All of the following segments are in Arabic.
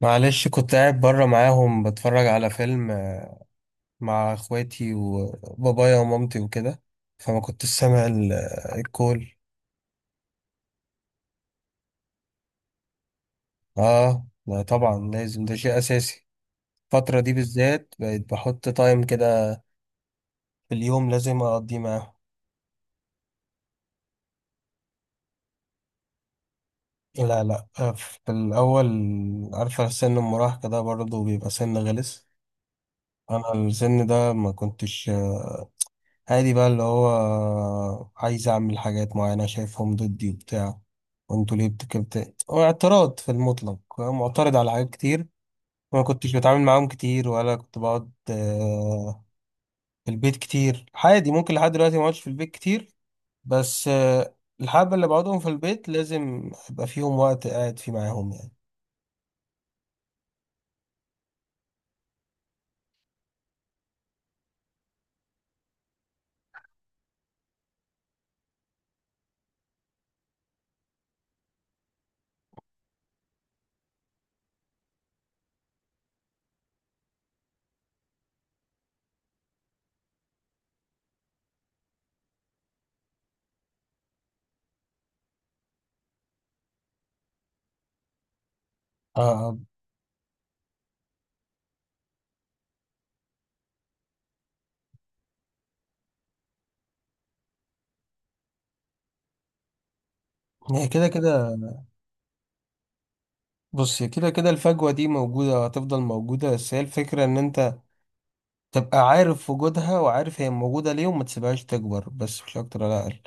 معلش، كنت قاعد بره معاهم بتفرج على فيلم مع اخواتي وبابايا ومامتي وكده. فما كنتش سامع الكول. اه، لا طبعا، لازم ده شيء اساسي. الفترة دي بالذات بقيت بحط تايم كده في اليوم لازم اقضيه معاهم. لا، لا، في الاول عارفة، سن المراهقة ده برضه بيبقى سن غلس. انا السن ده ما كنتش عادي، بقى اللي هو عايز اعمل حاجات معينة شايفهم ضدي وبتاع، وانتوا ليه بتكبت، هو اعتراض في المطلق، معترض على حاجات كتير. ما كنتش بتعامل معاهم كتير ولا كنت بقعد في البيت كتير. عادي، ممكن لحد دلوقتي ما اقعدش في البيت كتير، بس الحبة اللي بقعدهم في البيت لازم يبقى فيهم وقت قاعد فيه معاهم يعني. آه، آه، هي كده كده. بص، هي كده كده الفجوة دي موجودة، هتفضل موجودة، بس هي الفكرة ان انت تبقى عارف وجودها وعارف هي موجودة ليه وما تسيبهاش تكبر، بس مش أكتر ولا أقل،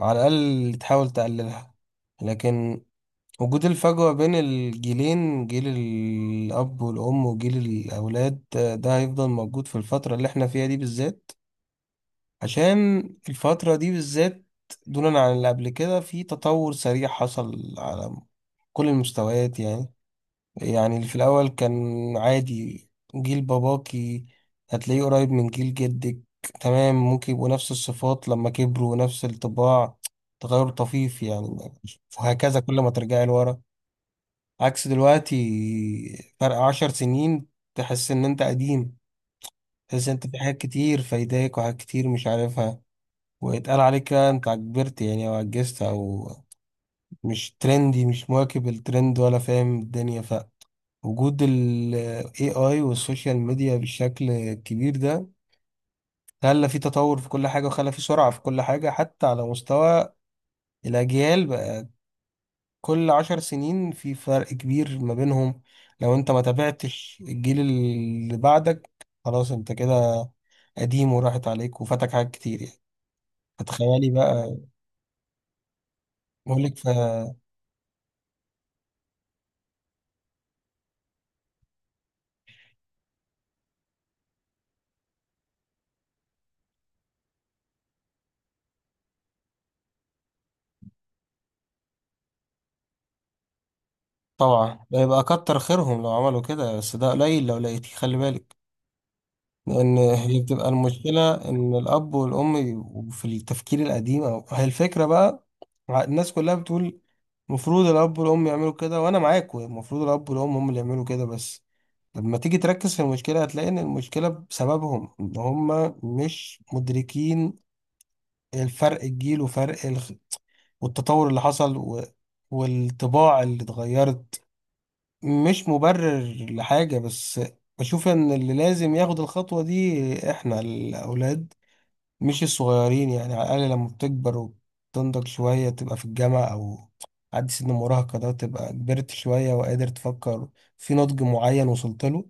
على الأقل تحاول تقللها. لكن وجود الفجوة بين الجيلين، جيل الأب والأم وجيل الأولاد، ده هيفضل موجود في الفترة اللي احنا فيها دي بالذات، عشان الفترة دي بالذات دونا عن اللي قبل كده، في تطور سريع حصل على كل المستويات يعني. يعني اللي في الأول كان عادي، جيل باباكي هتلاقيه قريب من جيل جدك، تمام، ممكن يبقوا نفس الصفات لما كبروا ونفس الطباع، تغير طفيف يعني، وهكذا كل ما ترجعي لورا. عكس دلوقتي، فرق 10 سنين تحس إن أنت قديم، تحس إن أنت في حاجات كتير فايداك وحاجات كتير مش عارفها. ويتقال عليك بقى أنت كبرت يعني، أو عجزت، أو مش ترندي، مش مواكب الترند ولا فاهم الدنيا. وجود ال AI والسوشيال ميديا بشكل كبير ده خلى في تطور في كل حاجة وخلى في سرعة في كل حاجة، حتى على مستوى الأجيال بقى كل 10 سنين في فرق كبير ما بينهم. لو أنت ما تابعتش الجيل اللي بعدك، خلاص أنت كده قديم، وراحت عليك وفاتك حاجات كتير يعني، فتخيلي بقى. بقولك طبعا ده يبقى كتر خيرهم لو عملوا كده، بس ده قليل لو لقيتيه، خلي بالك. لأن هي بتبقى المشكلة إن الأب والأم في التفكير القديم، أو هي الفكرة بقى. الناس كلها بتقول المفروض الأب والأم يعملوا كده، وأنا معاك، المفروض الأب والأم هم اللي يعملوا كده، بس لما تيجي تركز في المشكلة هتلاقي إن المشكلة بسببهم، إن هم مش مدركين الفرق الجيل وفرق والتطور اللي حصل والطباع اللي اتغيرت. مش مبرر لحاجة، بس بشوف ان اللي لازم ياخد الخطوة دي احنا الاولاد، مش الصغيرين يعني. على الاقل لما بتكبر وتنضج شوية، تبقى في الجامعة او عدي سن المراهقة ده، تبقى كبرت شوية وقادر تفكر في نضج معين وصلت له،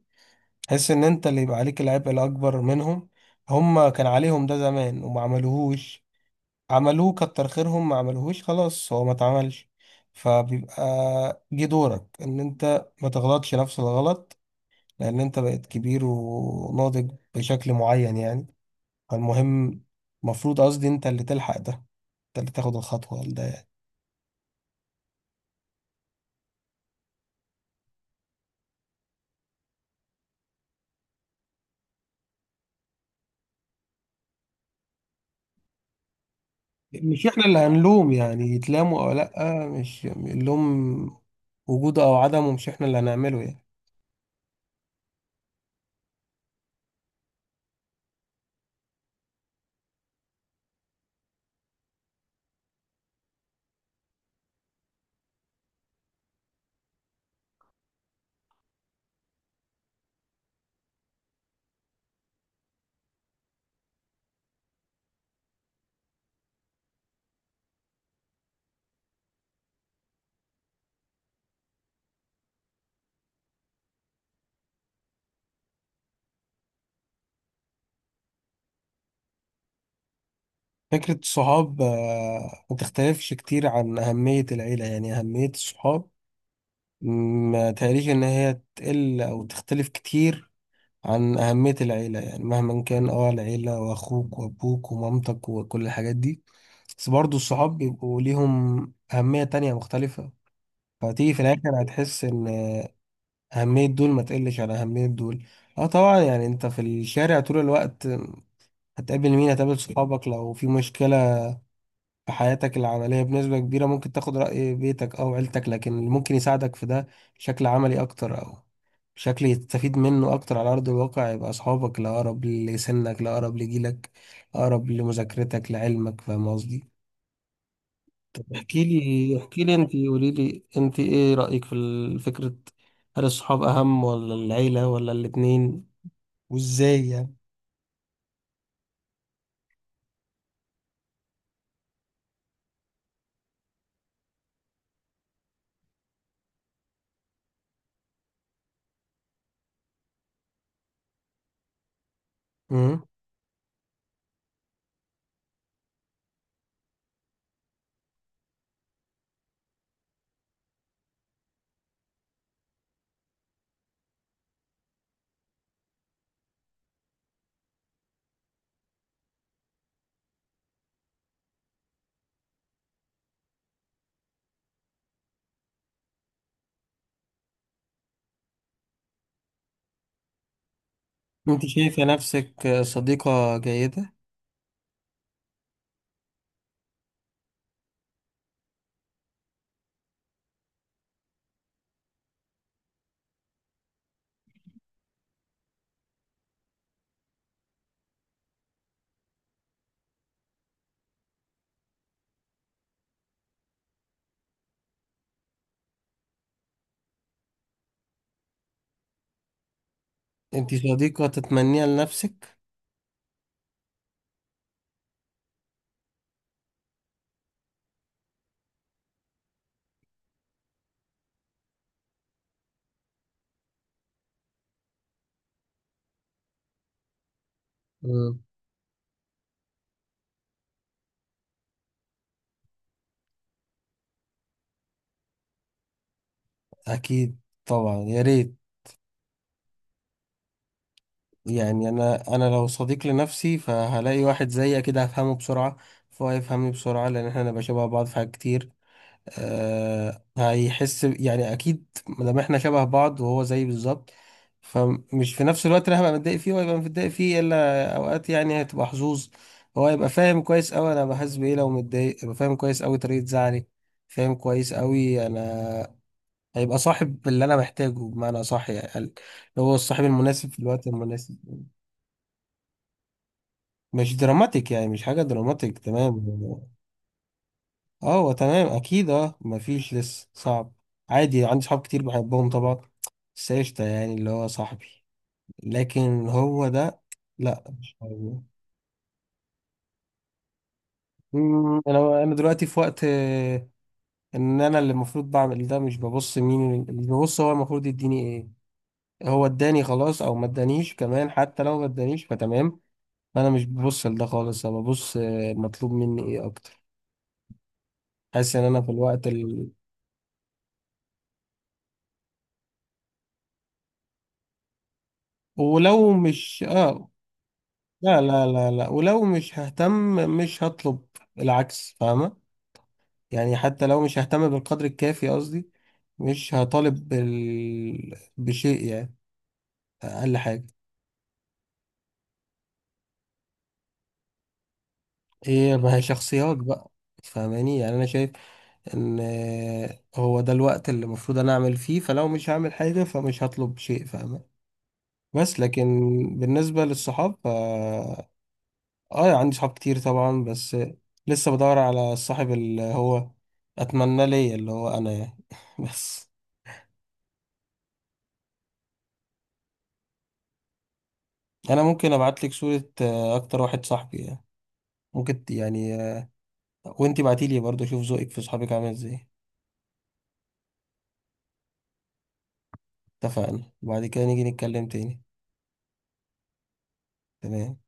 تحس ان انت اللي يبقى عليك العبء الاكبر منهم. هما كان عليهم ده زمان وما عملوهوش، عملوه كتر خيرهم، ما عملوهوش خلاص هو ما اتعملش، فبيبقى جه دورك ان انت ما تغلطش نفس الغلط، لان انت بقيت كبير وناضج بشكل معين يعني. فالمهم، المفروض قصدي انت اللي تلحق ده، انت اللي تاخد الخطوة ده يعني. مش احنا اللي هنلوم يعني، يتلاموا او لا، مش اللوم وجوده او عدمه مش احنا اللي هنعمله يعني. فكرة الصحاب ما تختلفش كتير عن أهمية العيلة. يعني أهمية الصحاب ما تهيأليش إن هي تقل أو تختلف كتير عن أهمية العيلة. يعني مهما كان العيلة وأخوك وأبوك ومامتك وكل الحاجات دي، بس برضه الصحاب بيبقوا ليهم أهمية تانية مختلفة. فتيجي في الآخر هتحس إن أهمية دول ما تقلش عن أهمية دول. اه طبعا، يعني انت في الشارع طول الوقت هتقابل مين؟ هتقابل صحابك. لو في مشكلة في حياتك العملية بنسبة كبيرة ممكن تاخد رأي بيتك أو عيلتك، لكن اللي ممكن يساعدك في ده بشكل عملي أكتر، أو بشكل يستفيد منه أكتر على أرض الواقع، يبقى أصحابك، الأقرب لسنك، الأقرب لجيلك، الأقرب لمذاكرتك لعلمك، فاهم قصدي؟ احكي لي احكي لي أنت، قولي لي أنت إيه رأيك في فكرة، هل الصحاب أهم ولا العيلة ولا الاتنين، وإزاي يعني؟ مم. أنت شايفة نفسك صديقة جيدة؟ أنت صديقة تتمنيها لنفسك؟ اكيد، طبعا، يا ريت. يعني انا لو صديق لنفسي، فهلاقي واحد زيي كده هفهمه بسرعه، فهو يفهمني بسرعه لان احنا نبقى شبه بعض في حاجات كتير. أه، هيحس يعني اكيد، مادام احنا شبه بعض وهو زيي بالظبط، فمش في نفس الوقت انا هبقى متضايق فيه وهيبقى متضايق فيه، الا اوقات يعني، هتبقى حظوظ. هو هيبقى فاهم كويس قوي انا بحس بايه لو متضايق، هيبقى فاهم كويس قوي طريقه زعلي، فاهم كويس قوي انا. هيبقى صاحب اللي انا محتاجه بمعنى صح يعني، اللي هو الصاحب المناسب في الوقت المناسب. مش دراماتيك يعني، مش حاجة دراماتيك، تمام. اه، هو تمام، اكيد. اه مفيش لسه، صعب. عادي، عندي صحاب كتير بحبهم طبعا، بس قشطة يعني اللي هو صاحبي. لكن هو ده، لا، مش هو. مم، انا دلوقتي في وقت ان انا اللي المفروض بعمل ده، مش ببص مين اللي، ببص هو المفروض يديني ايه. هو اداني خلاص او ما ادانيش، كمان حتى لو ما ادانيش فتمام. انا مش ببص لده خالص، انا ببص مطلوب مني ايه اكتر. حاسس ان انا في الوقت ولو مش لا، لا، لا، لا، ولو مش ههتم مش هطلب، العكس، فاهمة. يعني حتى لو مش ههتم بالقدر الكافي قصدي، مش هطالب بشيء يعني. اقل حاجة. ايه، ما هي شخصيات بقى، فاهماني يعني. انا شايف ان هو ده الوقت اللي المفروض انا اعمل فيه، فلو مش هعمل حاجة فمش هطلب شيء، فاهمة. بس لكن بالنسبة للصحاب اه يعني، عندي صحاب كتير طبعا، بس لسه بدور على الصاحب اللي هو اتمنى ليا، اللي هو انا يعني. بس انا ممكن ابعت لك صورة اكتر واحد صاحبي يعني، ممكن يعني وانتي بعتيلي برضه، اشوف ذوقك في صحابك عامل ازاي. اتفقنا، وبعد كده نيجي نتكلم تاني. تمام.